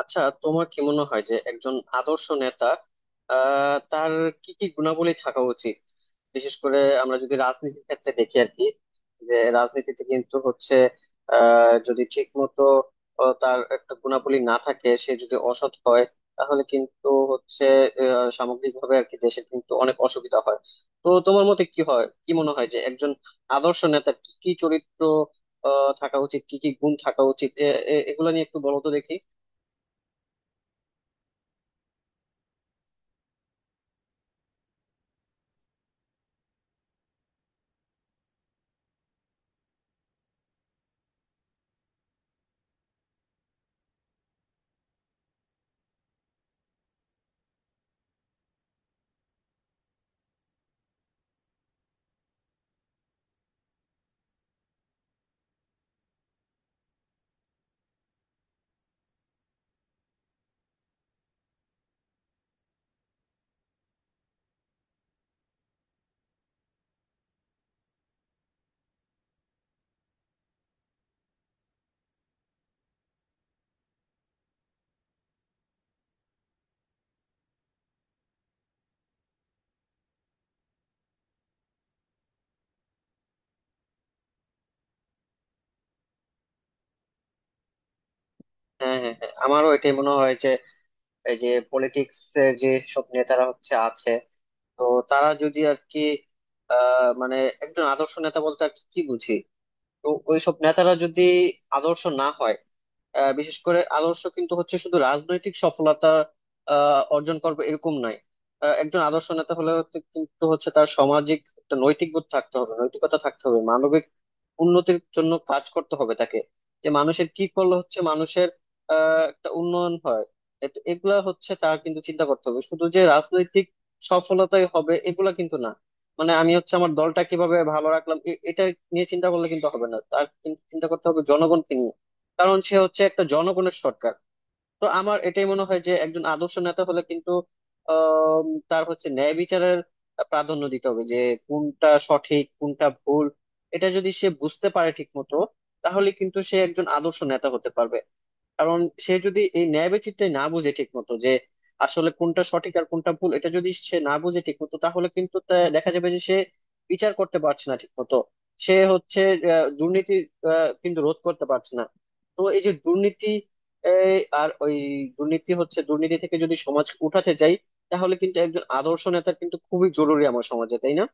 আচ্ছা, তোমার কি মনে হয় যে একজন আদর্শ নেতা তার কি কি গুণাবলী থাকা উচিত? বিশেষ করে আমরা যদি রাজনীতির ক্ষেত্রে দেখি আর কি, যে রাজনীতিতে কিন্তু হচ্ছে যদি ঠিক মতো তার একটা গুণাবলী না থাকে, সে যদি অসৎ হয়, তাহলে কিন্তু হচ্ছে সামগ্রিকভাবে আর কি দেশের কিন্তু অনেক অসুবিধা হয়। তো তোমার মতে কি হয়, কি মনে হয় যে একজন আদর্শ নেতার কি কি চরিত্র থাকা উচিত, কি কি গুণ থাকা উচিত, এগুলা নিয়ে একটু বলো তো দেখি। হ্যাঁ, হ্যাঁ, হ্যাঁ, আমারও এটাই মনে হয় যে এই যে পলিটিক্স এর যে সব নেতারা হচ্ছে আছে, তো তারা যদি আর কি, মানে একজন আদর্শ নেতা বলতে আর কি কি বুঝি। তো ওই সব নেতারা যদি আদর্শ না হয়, বিশেষ করে আদর্শ কিন্তু হচ্ছে শুধু রাজনৈতিক সফলতা অর্জন করবে এরকম নয়। একজন আদর্শ নেতা হলে কিন্তু হচ্ছে তার সামাজিক একটা নৈতিক বোধ থাকতে হবে, নৈতিকতা থাকতে হবে, মানবিক উন্নতির জন্য কাজ করতে হবে তাকে। যে মানুষের কি করলে হচ্ছে মানুষের একটা উন্নয়ন হয়। তো এগুলা হচ্ছে তার কিন্তু চিন্তা করতে হবে, শুধু যে রাজনৈতিক সফলতাই হবে এগুলা কিন্তু না। মানে আমি হচ্ছে আমার দলটা কিভাবে ভালো রাখলাম এটা নিয়ে চিন্তা করলে কিন্তু হবে না, তার কিন্তু চিন্তা করতে হবে জনগণকে নিয়ে। কারণ সে হচ্ছে একটা জনগণের সরকার। তো আমার এটাই মনে হয় যে একজন আদর্শ নেতা হলে কিন্তু তার হচ্ছে ন্যায় বিচারের প্রাধান্য দিতে হবে, যে কোনটা সঠিক, কোনটা ভুল, এটা যদি সে বুঝতে পারে ঠিক মতো, তাহলে কিন্তু সে একজন আদর্শ নেতা হতে পারবে। কারণ সে যদি এই ন্যায় বেচিত্রায় না বুঝে ঠিক মতো, যে আসলে কোনটা সঠিক আর কোনটা ভুল, এটা যদি সে না বুঝে ঠিক মতো, তাহলে কিন্তু দেখা যাবে যে সে বিচার করতে পারছে না ঠিক মতো। সে হচ্ছে দুর্নীতি কিন্তু রোধ করতে পারছে না। তো এই যে দুর্নীতি, এই, আর ওই দুর্নীতি হচ্ছে, দুর্নীতি থেকে যদি সমাজ উঠাতে চাই, তাহলে কিন্তু একজন আদর্শ নেতা কিন্তু খুবই জরুরি আমার সমাজে, তাই না?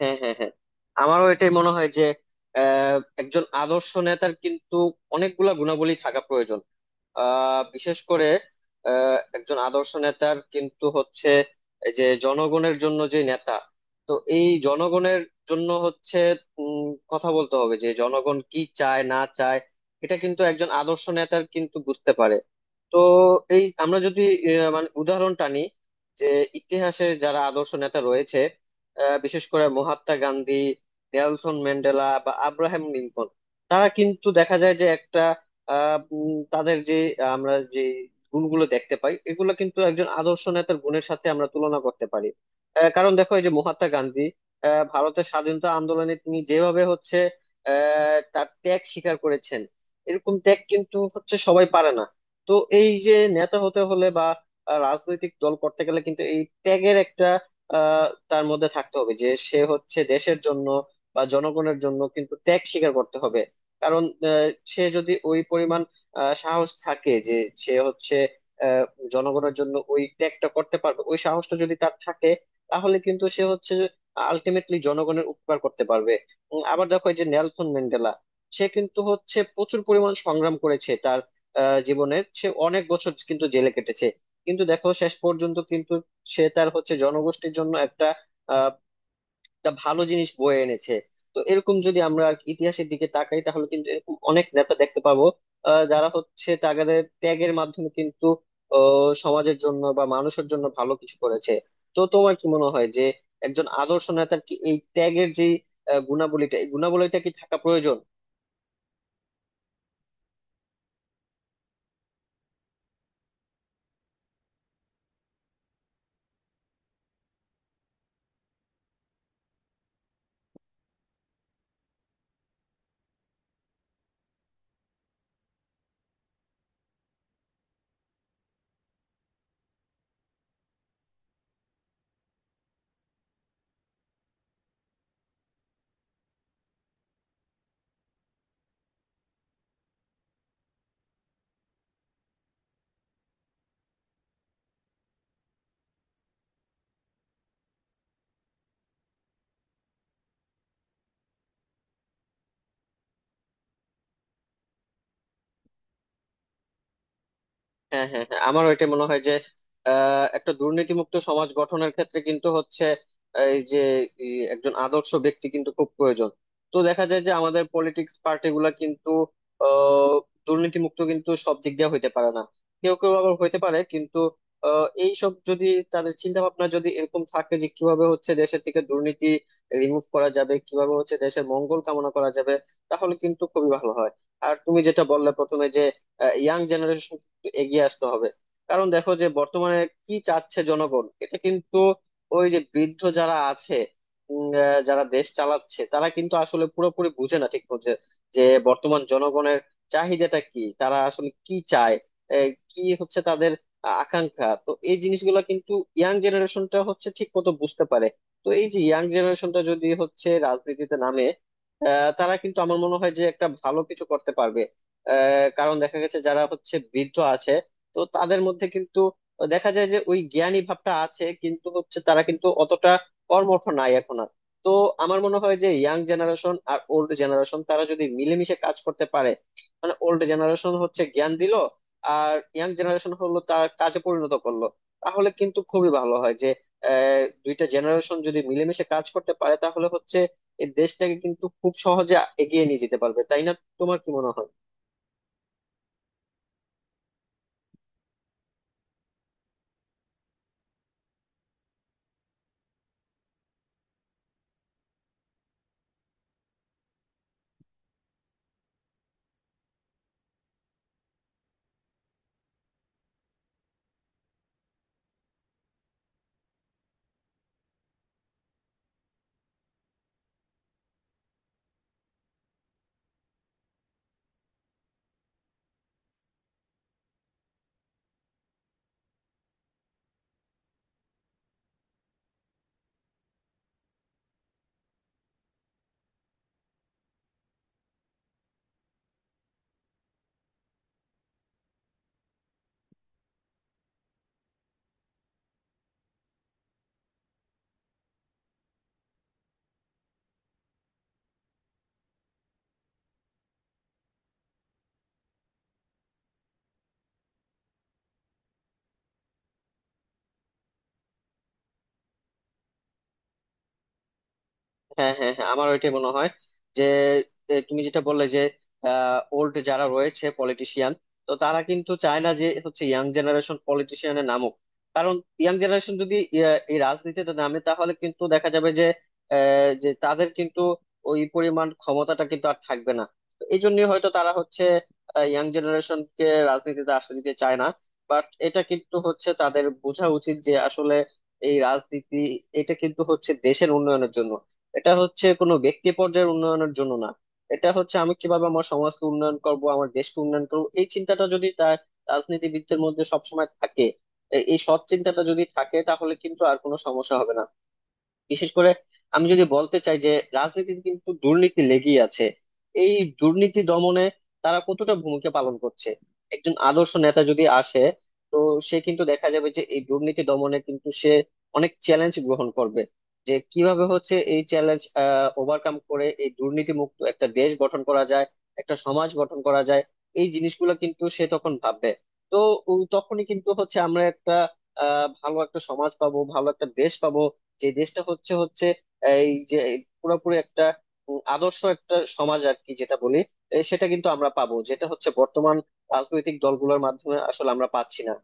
হ্যাঁ, হ্যাঁ, হ্যাঁ, আমারও এটাই মনে হয় যে আহ, একজন আদর্শ নেতার কিন্তু অনেকগুলা গুণাবলী থাকা প্রয়োজন। বিশেষ করে একজন আদর্শ নেতার কিন্তু হচ্ছে এই যে জনগণের জন্য যে নেতা, তো এই জনগণের জন্য হচ্ছে উম, কথা বলতে হবে যে জনগণ কি চায় না চায়, এটা কিন্তু একজন আদর্শ নেতার কিন্তু বুঝতে পারে। তো এই আমরা যদি মানে উদাহরণ টানি, যে ইতিহাসে যারা আদর্শ নেতা রয়েছে, বিশেষ করে মহাত্মা গান্ধী, নেলসন ম্যান্ডেলা বা আব্রাহাম লিঙ্কন, তারা কিন্তু দেখা যায় যে একটা তাদের যে আমরা যে গুণগুলো দেখতে পাই, এগুলো কিন্তু একজন আদর্শ নেতার গুণের সাথে আমরা তুলনা করতে পারি। কারণ দেখো, এই যে মহাত্মা গান্ধী, ভারতের স্বাধীনতা আন্দোলনে তিনি যেভাবে হচ্ছে তার ত্যাগ স্বীকার করেছেন, এরকম ত্যাগ কিন্তু হচ্ছে সবাই পারে না। তো এই যে নেতা হতে হলে বা রাজনৈতিক দল করতে গেলে কিন্তু এই ত্যাগের একটা আহ তার মধ্যে থাকতে হবে, যে সে হচ্ছে দেশের জন্য বা জনগণের জন্য কিন্তু ত্যাগ স্বীকার করতে হবে। কারণ আহ, সে যদি ওই পরিমাণ সাহস থাকে যে সে হচ্ছে আহ, জনগণের জন্য ওই ত্যাগটা করতে পারবে, ওই সাহসটা যদি তার থাকে, তাহলে কিন্তু সে হচ্ছে আলটিমেটলি জনগণের উপকার করতে পারবে। আবার দেখো, এই যে নেলসন ম্যান্ডেলা, সে কিন্তু হচ্ছে প্রচুর পরিমাণ সংগ্রাম করেছে, তার জীবনে সে অনেক বছর কিন্তু জেলে কেটেছে। কিন্তু দেখো, শেষ পর্যন্ত কিন্তু সে তার হচ্ছে জনগোষ্ঠীর জন্য আহ একটা ভালো জিনিস বয়ে এনেছে। তো এরকম যদি আমরা আর কি ইতিহাসের দিকে তাকাই, তাহলে কিন্তু এরকম অনেক নেতা দেখতে পাবো, যারা হচ্ছে তাদের ত্যাগের মাধ্যমে কিন্তু সমাজের জন্য বা মানুষের জন্য ভালো কিছু করেছে। তো তোমার কি মনে হয় যে একজন আদর্শ নেতার কি এই ত্যাগের যে গুণাবলীটা, এই গুণাবলীটা কি থাকা প্রয়োজন? হ্যাঁ, হ্যাঁ, হ্যাঁ, আমারও এটা মনে হয় যে একটা দুর্নীতিমুক্ত সমাজ গঠনের ক্ষেত্রে কিন্তু হচ্ছে এই যে একজন আদর্শ ব্যক্তি কিন্তু খুব প্রয়োজন। তো দেখা যায় যে আমাদের পলিটিক্স পার্টিগুলা কিন্তু আহ, দুর্নীতিমুক্ত কিন্তু সব দিক দিয়ে হইতে পারে না। কেউ কেউ আবার হইতে পারে, কিন্তু এই সব যদি, তাদের চিন্তা ভাবনা যদি এরকম থাকে যে কিভাবে হচ্ছে দেশের থেকে দুর্নীতি রিমুভ করা যাবে, কিভাবে হচ্ছে দেশের মঙ্গল কামনা করা যাবে, তাহলে কিন্তু খুবই ভালো হয়। আর তুমি যেটা বললে প্রথমে, যে ইয়াং জেনারেশন এগিয়ে আসতে হবে। কারণ দেখো, যে বর্তমানে কি চাচ্ছে জনগণ, এটা কিন্তু ওই যে বৃদ্ধ যারা আছে, যারা দেশ চালাচ্ছে, তারা কিন্তু আসলে পুরোপুরি বুঝে না ঠিক বুঝে। যে বর্তমান জনগণের চাহিদাটা কি, তারা আসলে কি চায়, কি হচ্ছে তাদের আকাঙ্ক্ষা, তো এই জিনিসগুলো কিন্তু ইয়াং জেনারেশনটা হচ্ছে ঠিক মতো বুঝতে পারে। তো এই যে ইয়াং জেনারেশনটা যদি হচ্ছে রাজনীতিতে নামে, তারা কিন্তু আমার মনে হয় যে একটা ভালো কিছু করতে পারবে। কারণ দেখা গেছে যারা হচ্ছে বৃদ্ধ আছে, তো তাদের মধ্যে কিন্তু দেখা যায় যে ওই জ্ঞানী ভাবটা আছে, কিন্তু হচ্ছে তারা কিন্তু অতটা কর্মঠ নাই এখন আর। তো আমার মনে হয় যে ইয়াং জেনারেশন আর ওল্ড জেনারেশন, তারা যদি মিলেমিশে কাজ করতে পারে, মানে ওল্ড জেনারেশন হচ্ছে জ্ঞান দিল আর ইয়াং জেনারেশন হলো তার কাজে পরিণত করলো, তাহলে কিন্তু খুবই ভালো হয় যে দুইটা জেনারেশন যদি মিলেমিশে কাজ করতে পারে তাহলে হচ্ছে এই দেশটাকে কিন্তু খুব সহজে এগিয়ে নিয়ে যেতে পারবে, তাই না? তোমার কি মনে হয়? হ্যাঁ, হ্যাঁ, হ্যাঁ, আমার ওইটাই মনে হয়, যে তুমি যেটা বললে যে ওল্ড যারা রয়েছে পলিটিশিয়ান, তো তারা কিন্তু চায় না যে হচ্ছে ইয়াং জেনারেশন পলিটিশিয়ানে নামুক। কারণ ইয়াং জেনারেশন যদি এই রাজনীতিতে নামে, তাহলে কিন্তু দেখা যাবে যে তাদের কিন্তু ওই পরিমাণ ক্ষমতাটা কিন্তু আর থাকবে না। তো এই জন্যই হয়তো তারা হচ্ছে ইয়াং জেনারেশনকে রাজনীতিতে আসতে দিতে চায় না। বাট এটা কিন্তু হচ্ছে তাদের বোঝা উচিত যে আসলে এই রাজনীতি, এটা কিন্তু হচ্ছে দেশের উন্নয়নের জন্য। এটা হচ্ছে কোনো ব্যক্তি পর্যায়ের উন্নয়নের জন্য না। এটা হচ্ছে, আমি কিভাবে আমার সমাজকে উন্নয়ন করব, আমার দেশকে উন্নয়ন করব, এই চিন্তাটা যদি তার রাজনীতিবিদদের মধ্যে সবসময় থাকে, এই সৎ চিন্তাটা যদি থাকে, তাহলে কিন্তু আর কোনো সমস্যা হবে না। বিশেষ করে আমি যদি বলতে চাই, যে রাজনীতিতে কিন্তু দুর্নীতি লেগেই আছে, এই দুর্নীতি দমনে তারা কতটা ভূমিকা পালন করছে, একজন আদর্শ নেতা যদি আসে, তো সে কিন্তু দেখা যাবে যে এই দুর্নীতি দমনে কিন্তু সে অনেক চ্যালেঞ্জ গ্রহণ করবে। যে কিভাবে হচ্ছে এই চ্যালেঞ্জ ওভারকাম করে এই দুর্নীতি মুক্ত একটা দেশ গঠন করা যায়, একটা সমাজ গঠন করা যায়, এই জিনিসগুলো কিন্তু সে তখন ভাববে। তো তখনই কিন্তু হচ্ছে আমরা একটা আহ ভালো একটা সমাজ পাবো, ভালো একটা দেশ পাবো। যে দেশটা হচ্ছে হচ্ছে এই যে পুরোপুরি একটা আদর্শ একটা সমাজ আর কি, যেটা বলি, সেটা কিন্তু আমরা পাবো, যেটা হচ্ছে বর্তমান রাজনৈতিক দলগুলোর মাধ্যমে আসলে আমরা পাচ্ছি না।